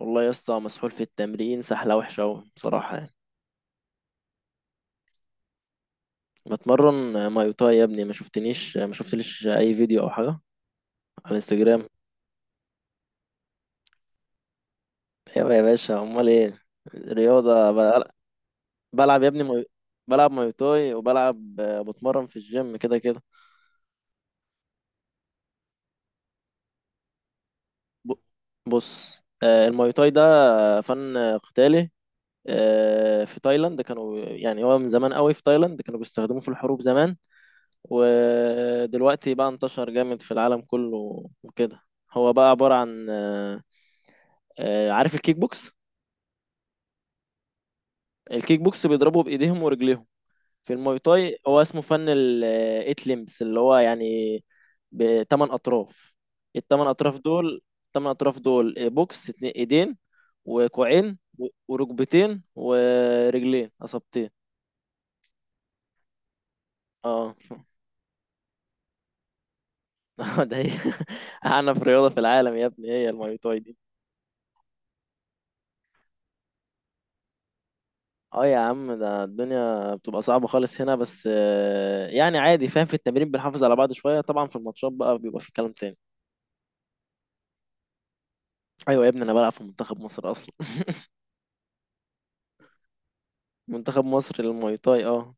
والله يا اسطى، مسحول في التمرين سحلة وحشة أوي بصراحة يعني. بتمرن مايوتاي يا ابني، ما شفتنيش ما شفتليش أي فيديو أو حاجة على الانستجرام؟ يابا يا باشا، أمال إيه؟ رياضة. بلعب يا ابني بلعب مايوتاي وبلعب، بتمرن في الجيم كده كده. ب... بص، المايوتاي ده فن قتالي. في تايلاند كانوا يعني، هو من زمان قوي في تايلاند كانوا بيستخدموه في الحروب زمان. ودلوقتي بقى انتشر جامد في العالم كله وكده. هو بقى عبارة عن، عارف الكيك بوكس؟ الكيك بوكس بيضربوا بإيديهم ورجليهم. في الماي تاي هو اسمه فن الايت ليمبس، اللي هو يعني بتمن أطراف. التمن أطراف دول، بوكس، اتنين إيدين وكوعين وركبتين ورجلين أصابتين. اه. ده هي أعنف رياضة في العالم يا ابني، هي الماي تاي دي. اه يا عم، ده الدنيا بتبقى صعبة خالص هنا بس، يعني عادي، فاهم؟ في التمرين بنحافظ على بعض شوية، طبعا في الماتشات بقى بيبقى في كلام تاني. ايوه يا ابني، انا بلعب في منتخب مصر اصلا. منتخب مصر للمواي تاي، اه.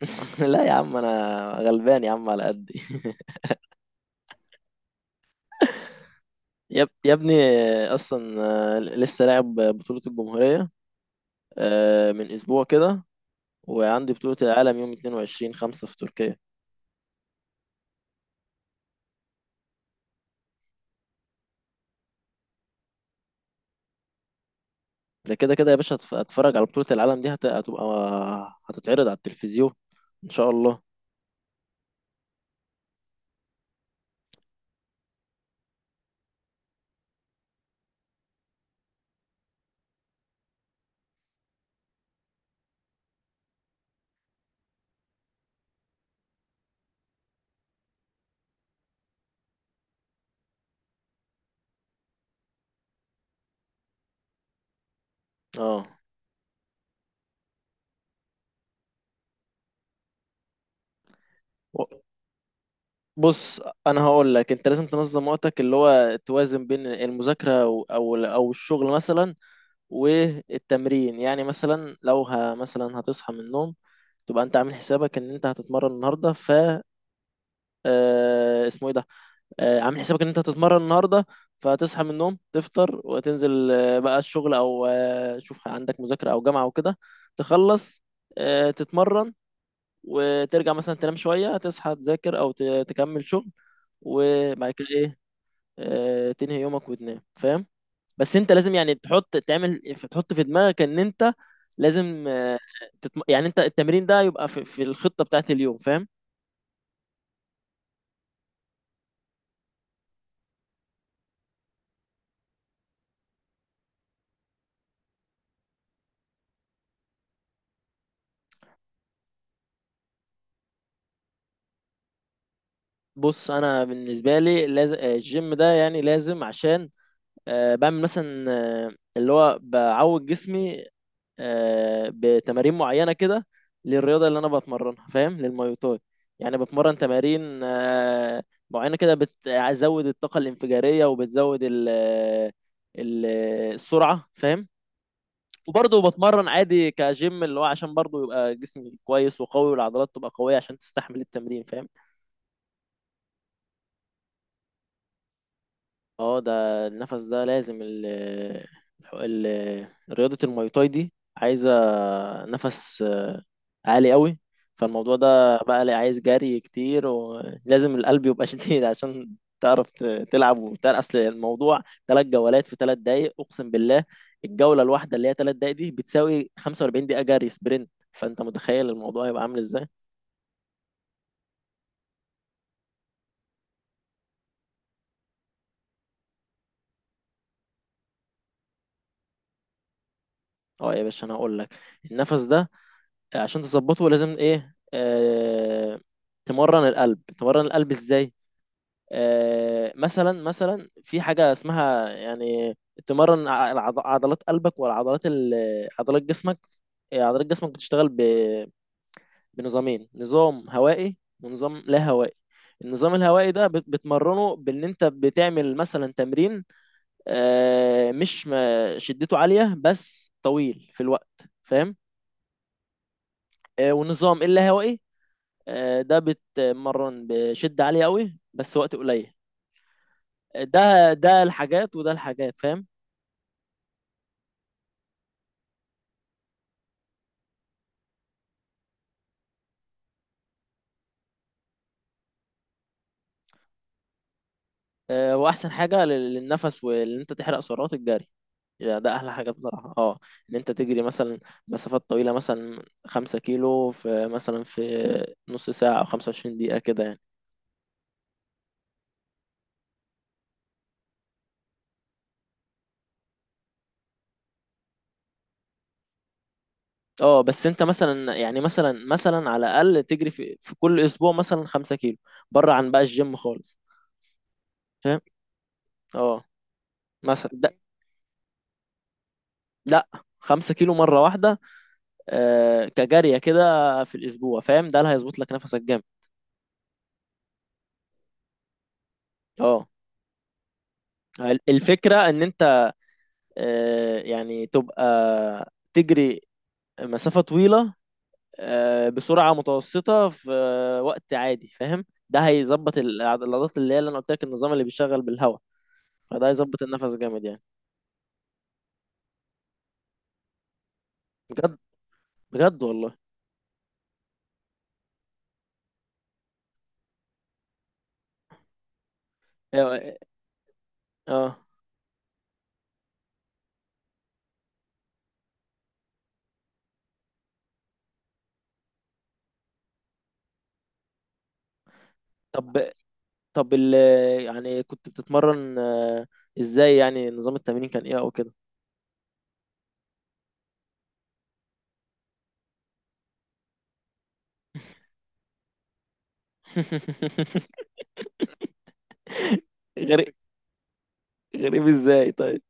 لا يا عم، انا غلبان يا عم، على قدي. يا ابني، اصلا لسه لاعب بطولة الجمهورية. من اسبوع كده. وعندي بطولة العالم يوم 22 5 في تركيا. ده كده كده يا باشا، هتفرج على بطولة العالم دي، هتبقى هتتعرض على التلفزيون ان شاء الله. اه. و- بص، انا هقول لك، انت لازم تنظم وقتك اللي هو توازن بين المذاكره او الشغل مثلا. والتمرين يعني، مثلا لو مثلا هتصحى من النوم، تبقى انت عامل حسابك ان انت هتتمرن النهارده. اسمه ايه ده؟ عامل حسابك ان انت هتتمرن النهارده. فهتصحى من النوم، تفطر وتنزل بقى الشغل، او شوف عندك مذاكره او جامعه وكده، تخلص تتمرن، وترجع مثلا تنام شويه، تصحى تذاكر او تكمل شغل، وبعد كده ايه، تنهي يومك وتنام، فاهم؟ بس انت لازم يعني تحط في دماغك ان انت لازم يعني انت التمرين ده يبقى في الخطة بتاعت اليوم، فاهم؟ بص، انا بالنسبة لي لازم الجيم ده يعني لازم، عشان بعمل مثلا آه اللي هو بعود جسمي بتمارين معينة كده، للرياضة اللي أنا بتمرنها، فاهم؟ للماي تاي. يعني بتمرن تمارين معينة كده، بتزود الطاقة الانفجارية وبتزود ال- السرعة، فاهم؟ وبرضه بتمرن عادي كجيم، اللي هو عشان برضه يبقى جسمي كويس وقوي، والعضلات تبقى قوية عشان تستحمل التمرين، فاهم؟ اه، ده النفس ده لازم رياضة الماي تاي دي عايزة نفس عالي قوي. فالموضوع ده بقى لي عايز جري كتير، ولازم القلب يبقى شديد عشان تعرف تلعب وبتاع، اصل الموضوع 3 جولات في 3 دقايق اقسم بالله. الجوله الواحده اللي هي 3 دقايق دي بتساوي 45 دقيقه جري سبرنت، فانت متخيل الموضوع يبقى عامل ازاي؟ اه يا باشا، انا هقول لك، النفس ده عشان تظبطه لازم ايه، تمرن القلب. تمرن القلب ازاي؟ مثلا في حاجة اسمها يعني، تمرن عضلات قلبك، والعضلات عضلات جسمك. عضلات جسمك بتشتغل بنظامين، نظام هوائي ونظام لا هوائي. النظام الهوائي ده بتمرنه بان انت بتعمل مثلا تمرين مش شدته عالية بس طويل في الوقت، فاهم؟ والنظام اللا هوائي، ده بتمرن بشدة عالية قوي بس وقت قليل. ده الحاجات وده الحاجات، فاهم؟ واحسن حاجه للنفس وان انت تحرق سعرات، الجري يعني ده احلى حاجه بصراحه، اه. ان انت تجري مثلا مسافات طويله، مثلا 5 كيلو في مثلا في نص ساعه او 25 دقيقه كده يعني. اه، بس انت مثلا يعني مثلا على الاقل تجري في كل اسبوع مثلا 5 كيلو بره عن بقى الجيم خالص، فاهم؟ اه. مثلا ده. لا، 5 كيلو مره واحده كجاريه كده في الاسبوع، فاهم؟ ده اللي هيظبط لك نفسك جامد. اه. الفكره ان انت يعني تبقى تجري مسافة طويلة بسرعة متوسطة في وقت عادي، فاهم؟ ده هيظبط العضلات اللي انا قلت لك، النظام اللي بيشتغل بالهواء. فده هيظبط النفس جامد يعني. بجد بجد والله. اه. آه. طب طب يعني كنت بتتمرن ازاي؟ يعني نظام التمرين كان ايه او كده؟ غريب؟ غريب ازاي طيب؟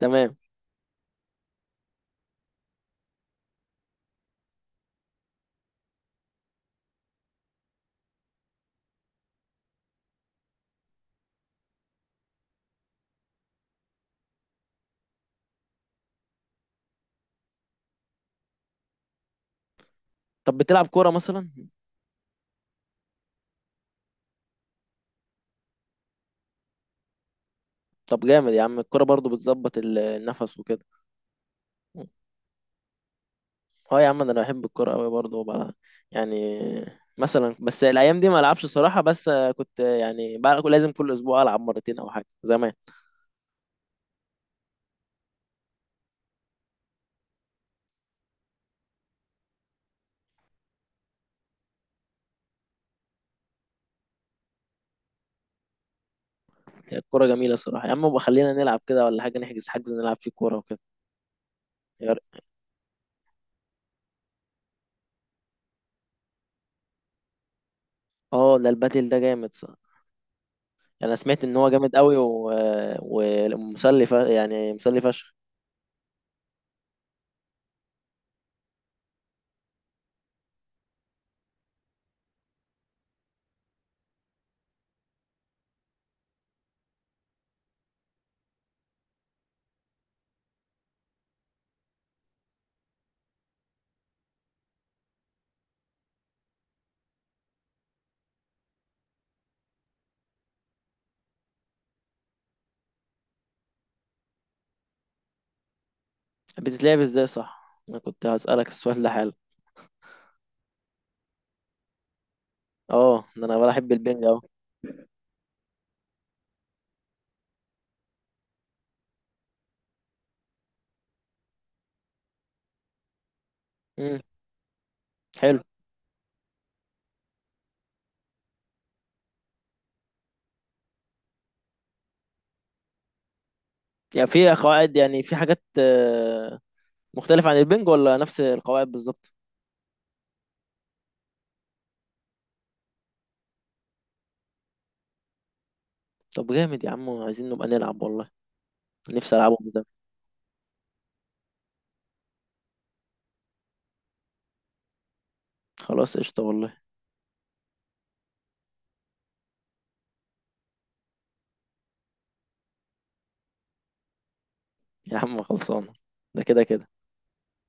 تمام. طب بتلعب كورة مثلا؟ طب جامد يا عم، الكرة برضو بتظبط النفس وكده. اه يا عم، ده انا بحب الكرة قوي برضو. وبقى يعني مثلا، بس الايام دي ما العبش صراحة. بس كنت يعني بقى لازم كل اسبوع العب مرتين او حاجة زمان. هي الكرة جميلة صراحة يا عم. بقى خلينا نلعب كده ولا حاجة، نحجز حجز نلعب فيه كورة وكده. يا ريت. اه، ده البادل ده جامد صح. انا سمعت ان هو جامد قوي ومسلي، يعني مسلي فشخ. بتتلعب ازاي؟ صح، انا كنت هسألك السؤال ده حالا. اه، ده انا بحب البنج اهو. مم، حلو. يعني في قواعد، يعني في حاجات مختلفة عن البنج ولا نفس القواعد بالظبط؟ طب جامد يا عم، عايزين نبقى نلعب والله، نفسي ألعبهم ده. خلاص قشطة والله. يا عم خلصانة، ده كده كده.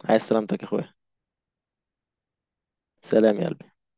عايز سلامتك يا أخويا. سلام يا قلبي.